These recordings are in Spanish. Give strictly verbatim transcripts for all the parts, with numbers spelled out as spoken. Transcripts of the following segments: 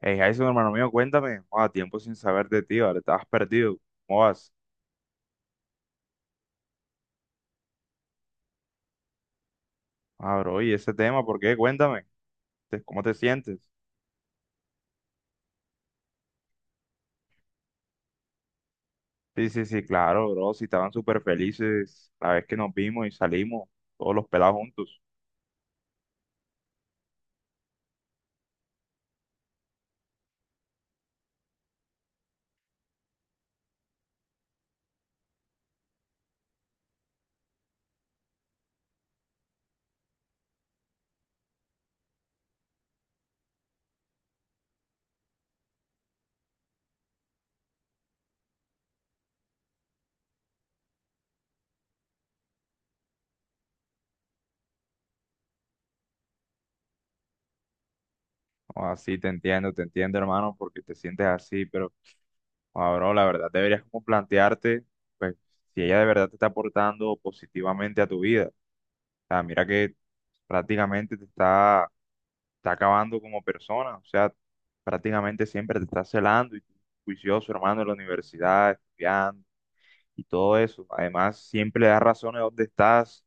Hey, Jason, hermano mío, cuéntame. A tiempo sin saber de ti, ¿vale? Estabas perdido. ¿Cómo vas? Ah, bro, ¿y ese tema? ¿Por qué? Cuéntame. ¿Te- ¿Cómo te sientes? Sí, sí, sí, claro, bro. Si estaban súper felices la vez que nos vimos y salimos, todos los pelados juntos. Así te entiendo, te entiendo, hermano, porque te sientes así, pero, ah, bro, la verdad deberías como plantearte, pues, si ella de verdad te está aportando positivamente a tu vida. O sea, mira que prácticamente te está está acabando como persona, o sea, prácticamente siempre te está celando y tú, juicioso, hermano, en la universidad, estudiando y todo eso. Además, siempre le das razones de dónde estás,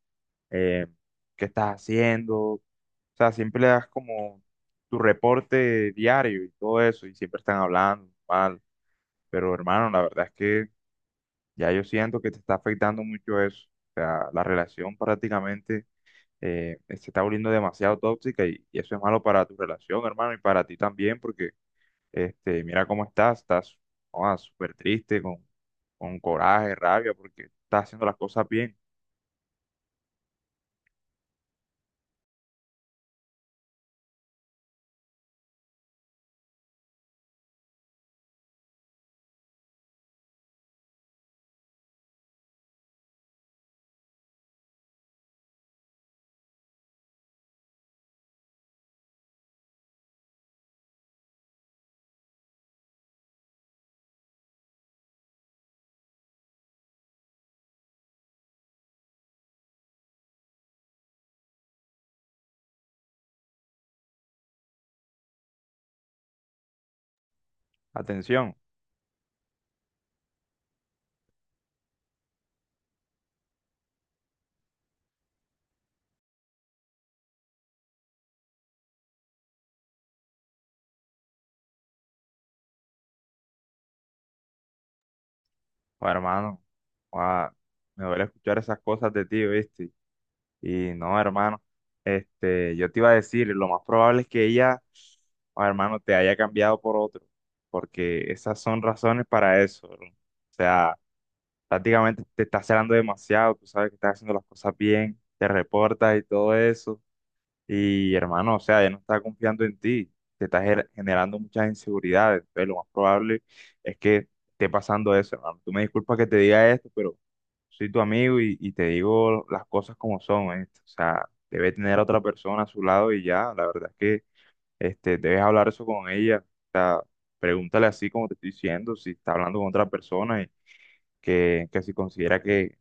eh, qué estás haciendo, o sea, siempre le das como tu reporte diario y todo eso, y siempre están hablando mal. Pero hermano, la verdad es que ya yo siento que te está afectando mucho eso. O sea, la relación prácticamente eh, se está volviendo demasiado tóxica y, y eso es malo para tu relación, hermano, y para ti también, porque este, mira cómo estás, estás joda, súper triste, con, con coraje, rabia, porque estás haciendo las cosas bien. Atención, joda, hermano, joda, me duele escuchar esas cosas de ti, ¿viste? Y no, hermano, este, yo te iba a decir, lo más probable es que ella, joda, hermano, te haya cambiado por otro, porque esas son razones para eso, bro. O sea, prácticamente te estás celando demasiado, tú sabes que estás haciendo las cosas bien, te reportas y todo eso. Y hermano, o sea, ya no está confiando en ti, te estás gener- generando muchas inseguridades. Entonces, lo más probable es que esté pasando eso, hermano. Tú me disculpas que te diga esto, pero soy tu amigo y, y te digo las cosas como son, ¿eh? O sea, debe tener a otra persona a su lado y ya, la verdad es que este, debes hablar eso con ella. O sea, pregúntale así como te estoy diciendo, si está hablando con otra persona y que, que si considera que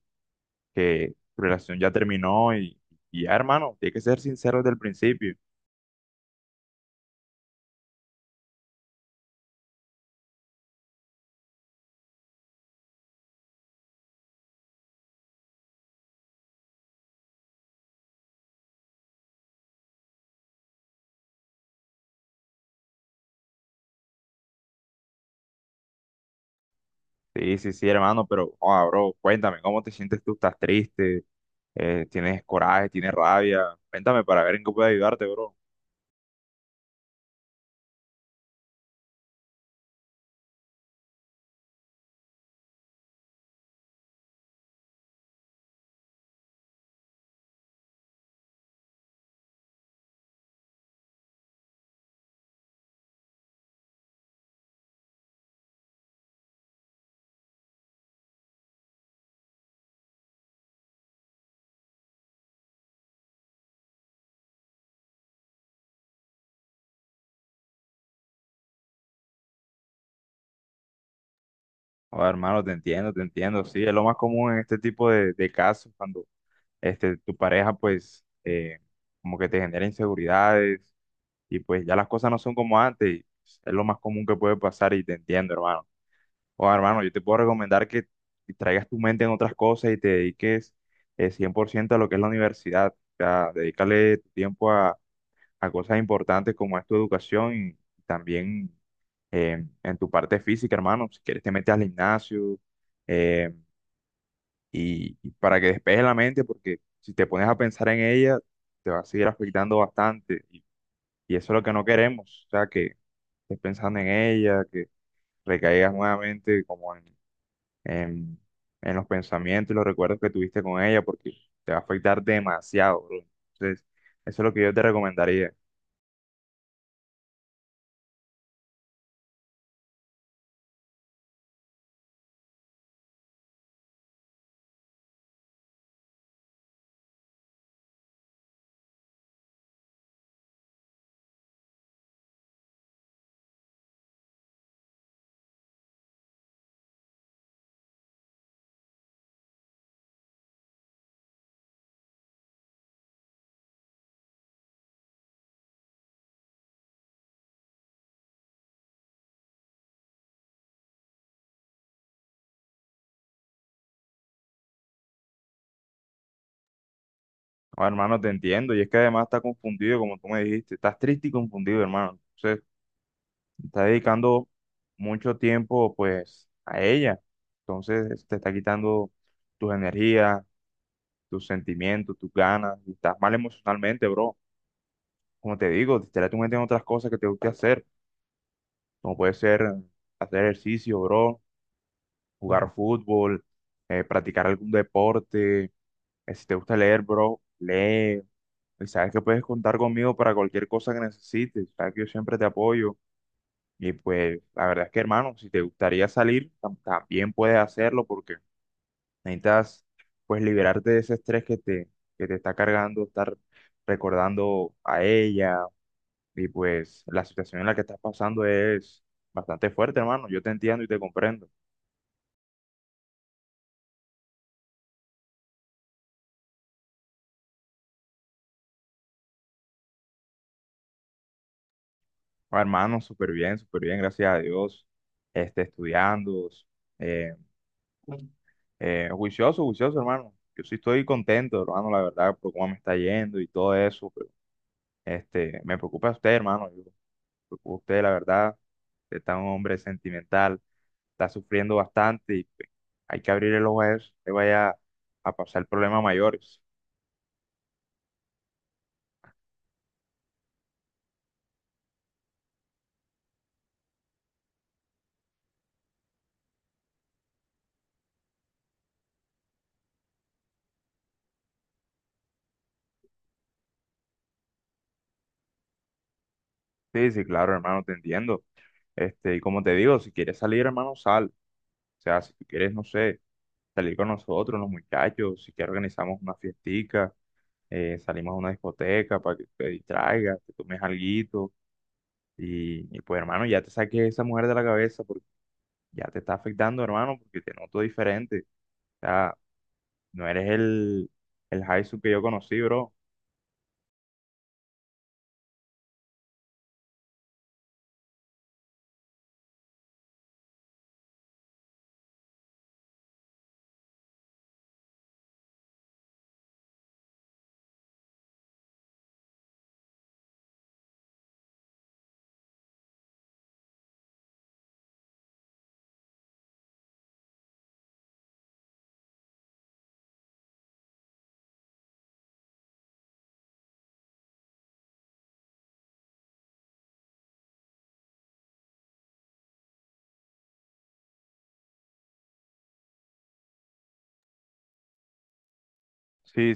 que tu relación ya terminó y, y ya, hermano, tienes que ser sincero desde el principio. Sí, sí, sí, hermano, pero, ah, bro, cuéntame, ¿cómo te sientes tú? ¿Estás triste? Eh, ¿tienes coraje? ¿Tienes rabia? Cuéntame para ver en qué puedo ayudarte, bro. Ah, hermano, te entiendo, te entiendo. Sí, es lo más común en este tipo de, de casos, cuando este, tu pareja, pues, eh, como que te genera inseguridades y pues ya las cosas no son como antes. Pues, es lo más común que puede pasar y te entiendo, hermano. O hermano, yo te puedo recomendar que traigas tu mente en otras cosas y te dediques eh, cien por ciento a lo que es la universidad. O sea, dedícale tu tiempo a, a cosas importantes como es tu educación y también eh, en tu parte física, hermano. Si quieres te metes al gimnasio, eh, y, y para que despejes la mente, porque si te pones a pensar en ella, te va a seguir afectando bastante. Y, y eso es lo que no queremos. O sea, que estés pensando en ella, que recaigas nuevamente como en en, en los pensamientos y los recuerdos que tuviste con ella, porque te va a afectar demasiado, bro. Entonces, eso es lo que yo te recomendaría. Ahora, hermano, te entiendo, y es que además está confundido, como tú me dijiste, estás triste y confundido, hermano. Entonces, está dedicando mucho tiempo, pues, a ella. Entonces, te está quitando tus energías, tus sentimientos, tus ganas, y estás mal emocionalmente, bro. Como te digo, distrae tu mente en otras cosas que te guste hacer, como puede ser hacer ejercicio, bro, jugar fútbol, eh, practicar algún deporte. Eh, si te gusta leer, bro, lee. Y sabes que puedes contar conmigo para cualquier cosa que necesites. Sabes que yo siempre te apoyo. Y pues la verdad es que, hermano, si te gustaría salir, tam- también puedes hacerlo porque necesitas pues liberarte de ese estrés que te, que te está cargando, estar recordando a ella. Y pues la situación en la que estás pasando es bastante fuerte, hermano. Yo te entiendo y te comprendo. Oh, hermano, súper bien, súper bien, gracias a Dios. Este, estudiando, eh, eh, juicioso, juicioso, hermano. Yo sí estoy contento, hermano, la verdad, por cómo me está yendo y todo eso, pero este, me preocupa usted, hermano. Yo, me preocupa usted, la verdad. Usted está un hombre sentimental, está sufriendo bastante y pues, hay que abrir el ojo a eso, le vaya a pasar problemas mayores. Sí, sí, claro, hermano, te entiendo. Este, y como te digo, si quieres salir, hermano, sal. O sea, si tú quieres, no sé. Salir con nosotros, los muchachos, si quieres organizamos una fiestica, eh, salimos a una discoteca para que te distraigas, te tomes alguito y, y pues hermano, ya te saques esa mujer de la cabeza porque ya te está afectando hermano, porque te noto diferente, o sea, no eres el, el Jaisu que yo conocí, bro. Sí,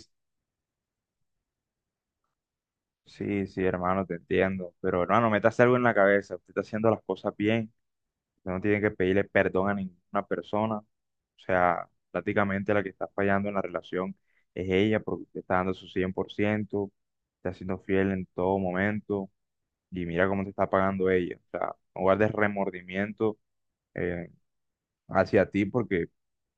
sí, sí, hermano, te entiendo, pero hermano, métase algo en la cabeza, usted está haciendo las cosas bien. Usted no tiene que pedirle perdón a ninguna persona. O sea, prácticamente la que está fallando en la relación es ella porque usted está dando su cien por ciento, está siendo fiel en todo momento y mira cómo te está pagando ella. O sea, no guardes remordimiento, eh, hacia ti porque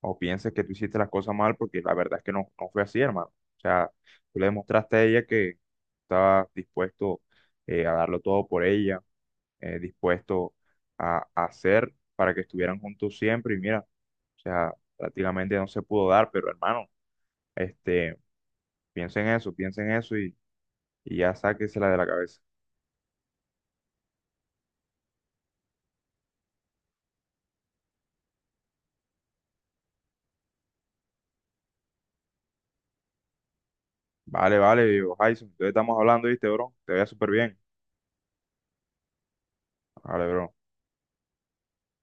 o pienses que tú hiciste las cosas mal porque la verdad es que no, no fue así, hermano. O sea, tú le demostraste a ella que estabas dispuesto, eh, a darlo todo por ella, eh, dispuesto a, a hacer para que estuvieran juntos siempre. Y mira, o sea, prácticamente no se pudo dar, pero hermano, este, piensen eso, piensen eso y, y ya sáquensela de la cabeza. Vale, vale, viejo Jason, entonces estamos hablando, ¿viste, bro? Te vea súper bien. Vale, bro.